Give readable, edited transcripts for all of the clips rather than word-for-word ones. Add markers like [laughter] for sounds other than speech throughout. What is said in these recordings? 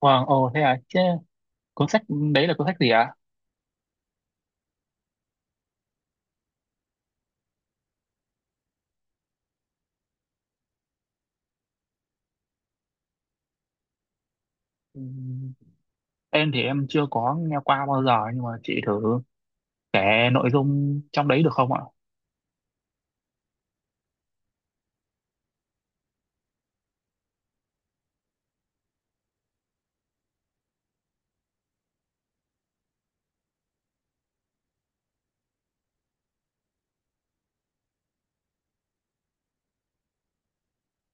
Wow, ồ thế à, chứ cuốn sách đấy là cuốn sách gì ạ? Ừm, Em thì em chưa có nghe qua bao giờ nhưng mà chị thử kể nội dung trong đấy được không ạ?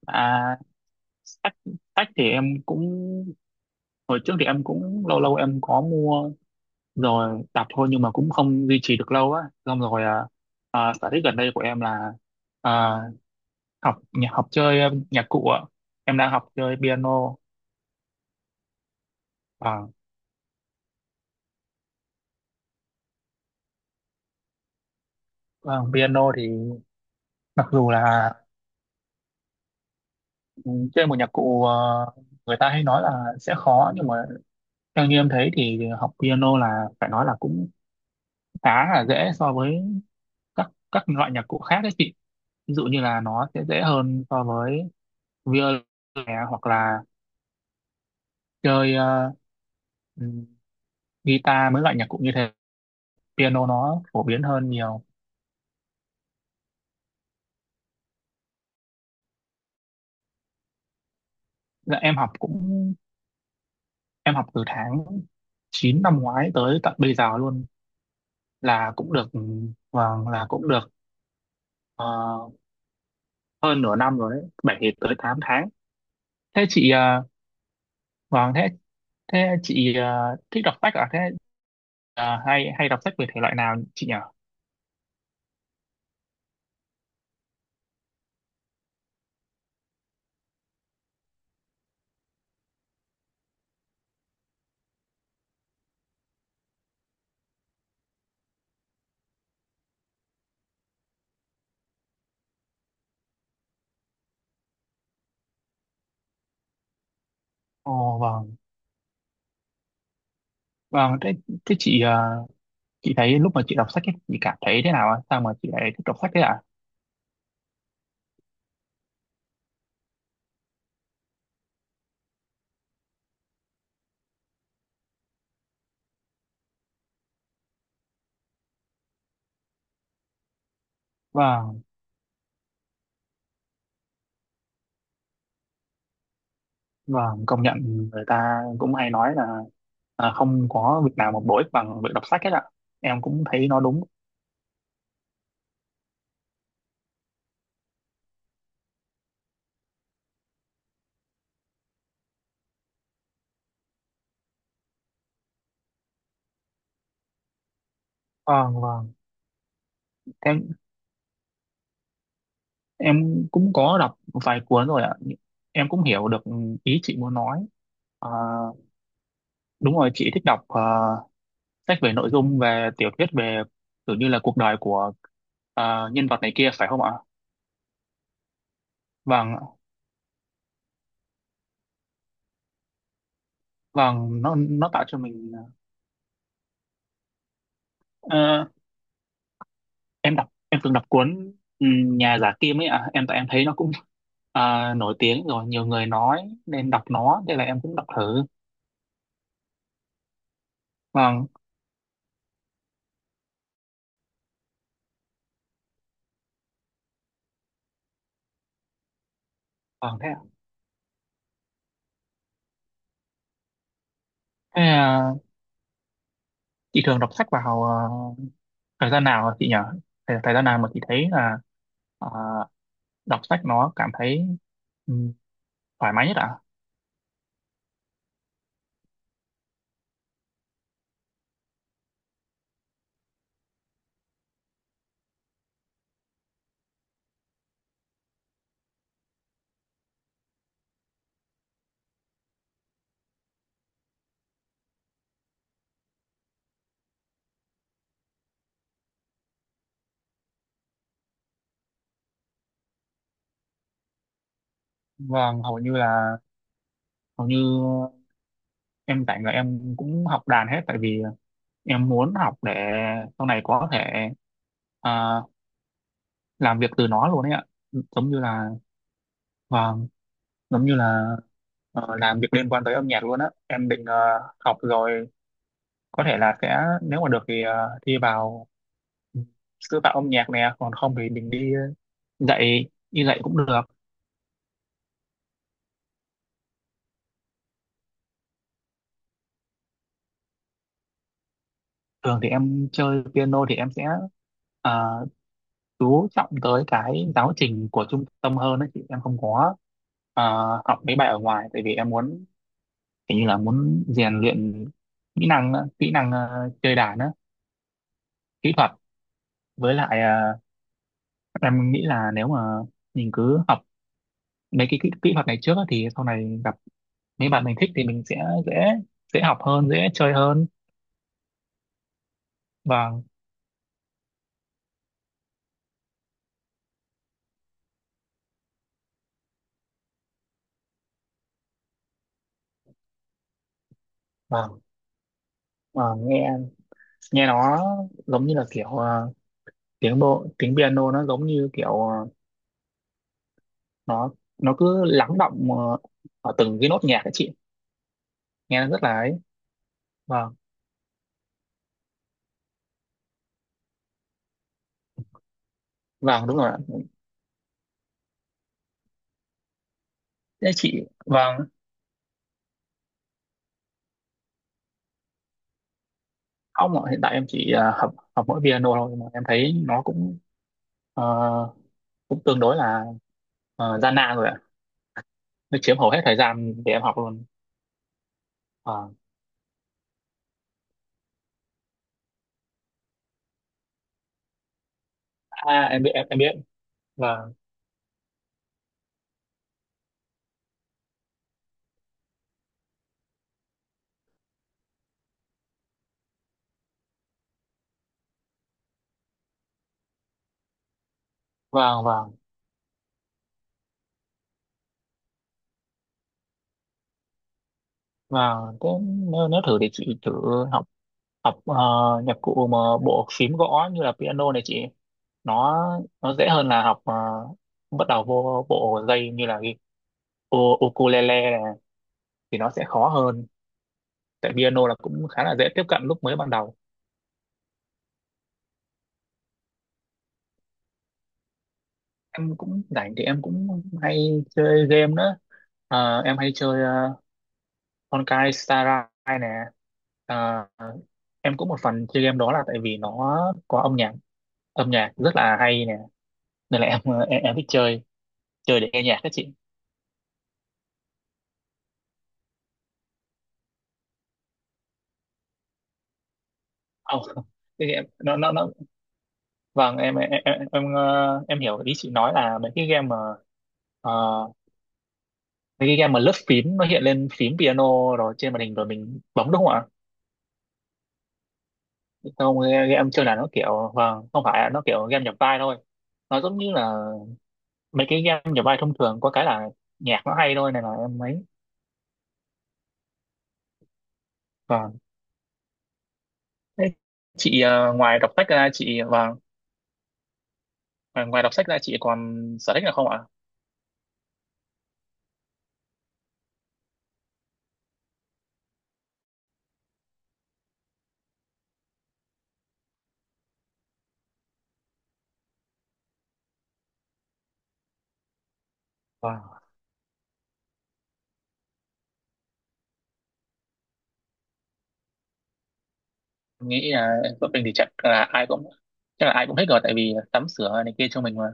À, sách, sách thì em cũng, hồi trước thì em cũng lâu lâu em có mua rồi đọc thôi, nhưng mà cũng không duy trì được lâu á. Xong rồi, sở thích gần đây của em là, à, học nhạc, học chơi nhạc cụ ạ. Em đang học chơi piano. À, vâng, piano thì mặc dù là, Ừ, chơi một nhạc cụ, người ta hay nói là sẽ khó, nhưng mà theo như em thấy thì học piano là phải nói là cũng khá là dễ so với các loại nhạc cụ khác đấy chị, ví dụ như là nó sẽ dễ hơn so với violin nè, hoặc là chơi, ừm, guitar, mấy loại nhạc cụ như thế, piano nó phổ biến hơn nhiều. Dạ, em học cũng em học từ tháng 9 năm ngoái tới tận bây giờ luôn, là cũng được, vâng là cũng được, ờ, hơn nửa năm rồi đấy, 7 tới 8 tháng. Thế chị, vâng, thế thế chị, thích đọc sách à, thế, hay hay đọc sách về thể loại nào chị nhỉ? Ồ vâng, vâng, thế thế chị, chị thấy lúc mà chị đọc sách ấy, chị cảm thấy thế nào ạ? Sao mà chị lại thích đọc sách thế ạ? Vâng, vâng, công nhận, người ta cũng hay nói là, không có việc nào mà bổ ích bằng việc đọc sách hết ạ, em cũng thấy nó đúng. Vâng, vâng, thế em cũng có đọc vài cuốn rồi ạ, em cũng hiểu được ý chị muốn nói. À, đúng rồi, chị thích đọc, sách về nội dung, về tiểu thuyết, về kiểu như là cuộc đời của, nhân vật này kia phải không ạ? Vâng, vâng, nó tạo cho mình, ờ, em đọc em từng đọc cuốn, Nhà giả Kim ấy ạ. Em tại em thấy nó cũng, nổi tiếng rồi, nhiều người nói nên đọc nó, thế là em cũng đọc thử. Vâng, vâng thế ạ. Thế à, chị thường đọc sách vào, thời gian nào hả chị nhỉ? Thời gian nào mà chị thấy là, ờ, đọc sách nó cảm thấy, ừ, thoải mái nhất ạ? Vâng, hầu như em, tại người em cũng học đàn hết, tại vì em muốn học để sau này có thể, à, làm việc từ nó luôn ấy ạ, giống như là, vâng, giống như là, làm việc liên quan tới âm nhạc luôn á. Em định, học rồi có thể là sẽ, nếu mà được thì, thi vào, ừ, sư phạm âm nhạc nè, còn không thì mình đi dạy, cũng được. Thường thì em chơi piano thì em sẽ, ờ, chú trọng tới cái giáo trình của trung tâm hơn đấy chị, em không có, ờ, học mấy bài ở ngoài, tại vì em muốn, kiểu như là muốn rèn luyện kỹ năng á, kỹ năng, chơi đàn á, kỹ thuật. Với lại, em nghĩ là nếu mà mình cứ học mấy cái, kỹ thuật này trước á, thì sau này gặp mấy bạn mình thích thì mình sẽ dễ, học hơn, dễ chơi hơn. Và, và, và nghe, nó giống như là kiểu, tiếng bộ, tiếng piano nó giống như kiểu, nó nó cứ lắng đọng, ở từng cái nốt nhạc ấy chị, nghe nó rất là ấy. Vâng, vâng đúng rồi ạ. Thế chị... Vâng, ông ạ, hiện tại em chỉ, học học mỗi piano thôi, mà em thấy nó cũng, ờ, cũng tương đối là, gian nan rồi ạ, nó chiếm hầu hết thời gian để em học luôn. Vâng, à em biết, em biết, vâng, vâng, vâng, vâng, thế nếu thử thì chị thử học, học ờ, nhạc cụ mà bộ phím gõ như là piano này chị, nó nó dễ hơn là học, bắt đầu vô bộ dây như là ukulele này thì nó sẽ khó hơn, tại piano là cũng khá là dễ tiếp cận lúc mới ban đầu. Em cũng rảnh thì em cũng hay chơi game nữa. Em hay chơi, uh, Honkai Star Rail nè. Ờ, em cũng một phần chơi game đó là tại vì nó có âm nhạc, âm nhạc rất là hay nè, nên là em, em thích chơi, để nghe nhạc các chị. Không, cái game [laughs] nó, vâng, em hiểu ý chị nói là mấy cái game mà, ờ, lướt phím nó hiện lên phím piano rồi trên màn hình rồi mình bấm đúng không ạ? Không, game game chơi là nó kiểu, vâng, không phải ạ, nó kiểu game nhập vai thôi, nó giống như là mấy cái game nhập vai thông thường, có cái là nhạc nó hay thôi nên là em ấy. Vâng. Thế chị, ngoài đọc sách ra chị... vâng, ngoài ngoài đọc sách ra chị còn sở thích nào không ạ? Vâng, em nghĩ là vợ mình thì, chắc là ai cũng thích rồi, tại vì tắm sửa này kia cho mình mà.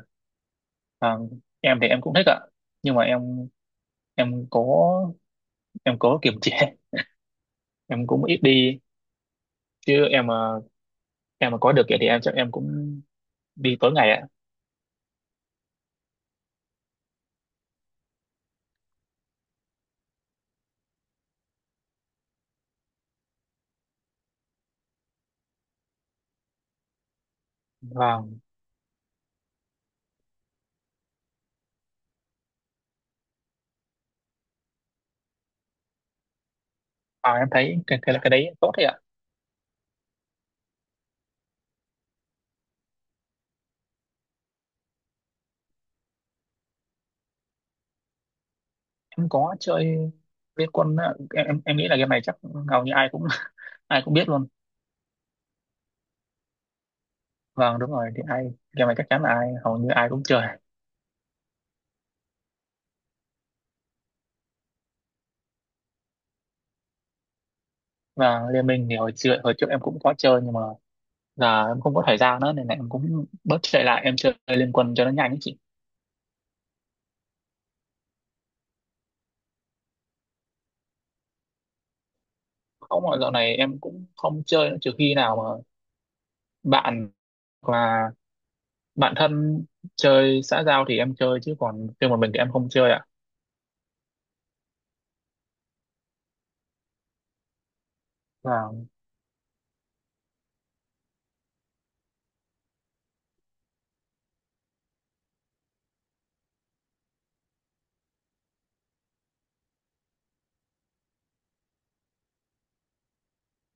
Vâng, em thì em cũng thích ạ, nhưng mà em cố em cố kiềm chế, em cũng ít đi, chứ em mà có được vậy thì em chắc em cũng đi tối ngày ạ. Vào vào em thấy cái đấy tốt đấy ạ. Em có chơi Liên Quân á, em nghĩ là game này chắc hầu như ai cũng [laughs] ai cũng biết luôn. Vâng đúng rồi, thì ai, game này chắc chắn là ai, hầu như ai cũng chơi. Và Liên Minh thì hồi trước em cũng có chơi, nhưng mà giờ em không có thời gian nữa, nên là em cũng bớt chạy lại, em chơi Liên Quân cho nó nhanh ấy chị. Không, mà dạo này em cũng không chơi nữa, trừ khi nào mà bạn, và bạn thân chơi xã giao thì em chơi, chứ còn riêng một mình thì em không chơi ạ. Và,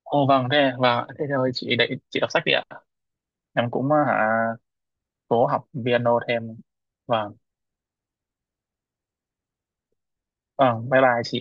ô vâng, thế, và thế thôi, chị đợi, chị đọc sách đi ạ, em cũng, hả, cố học piano thêm. Vâng, vâng, bye bye chị.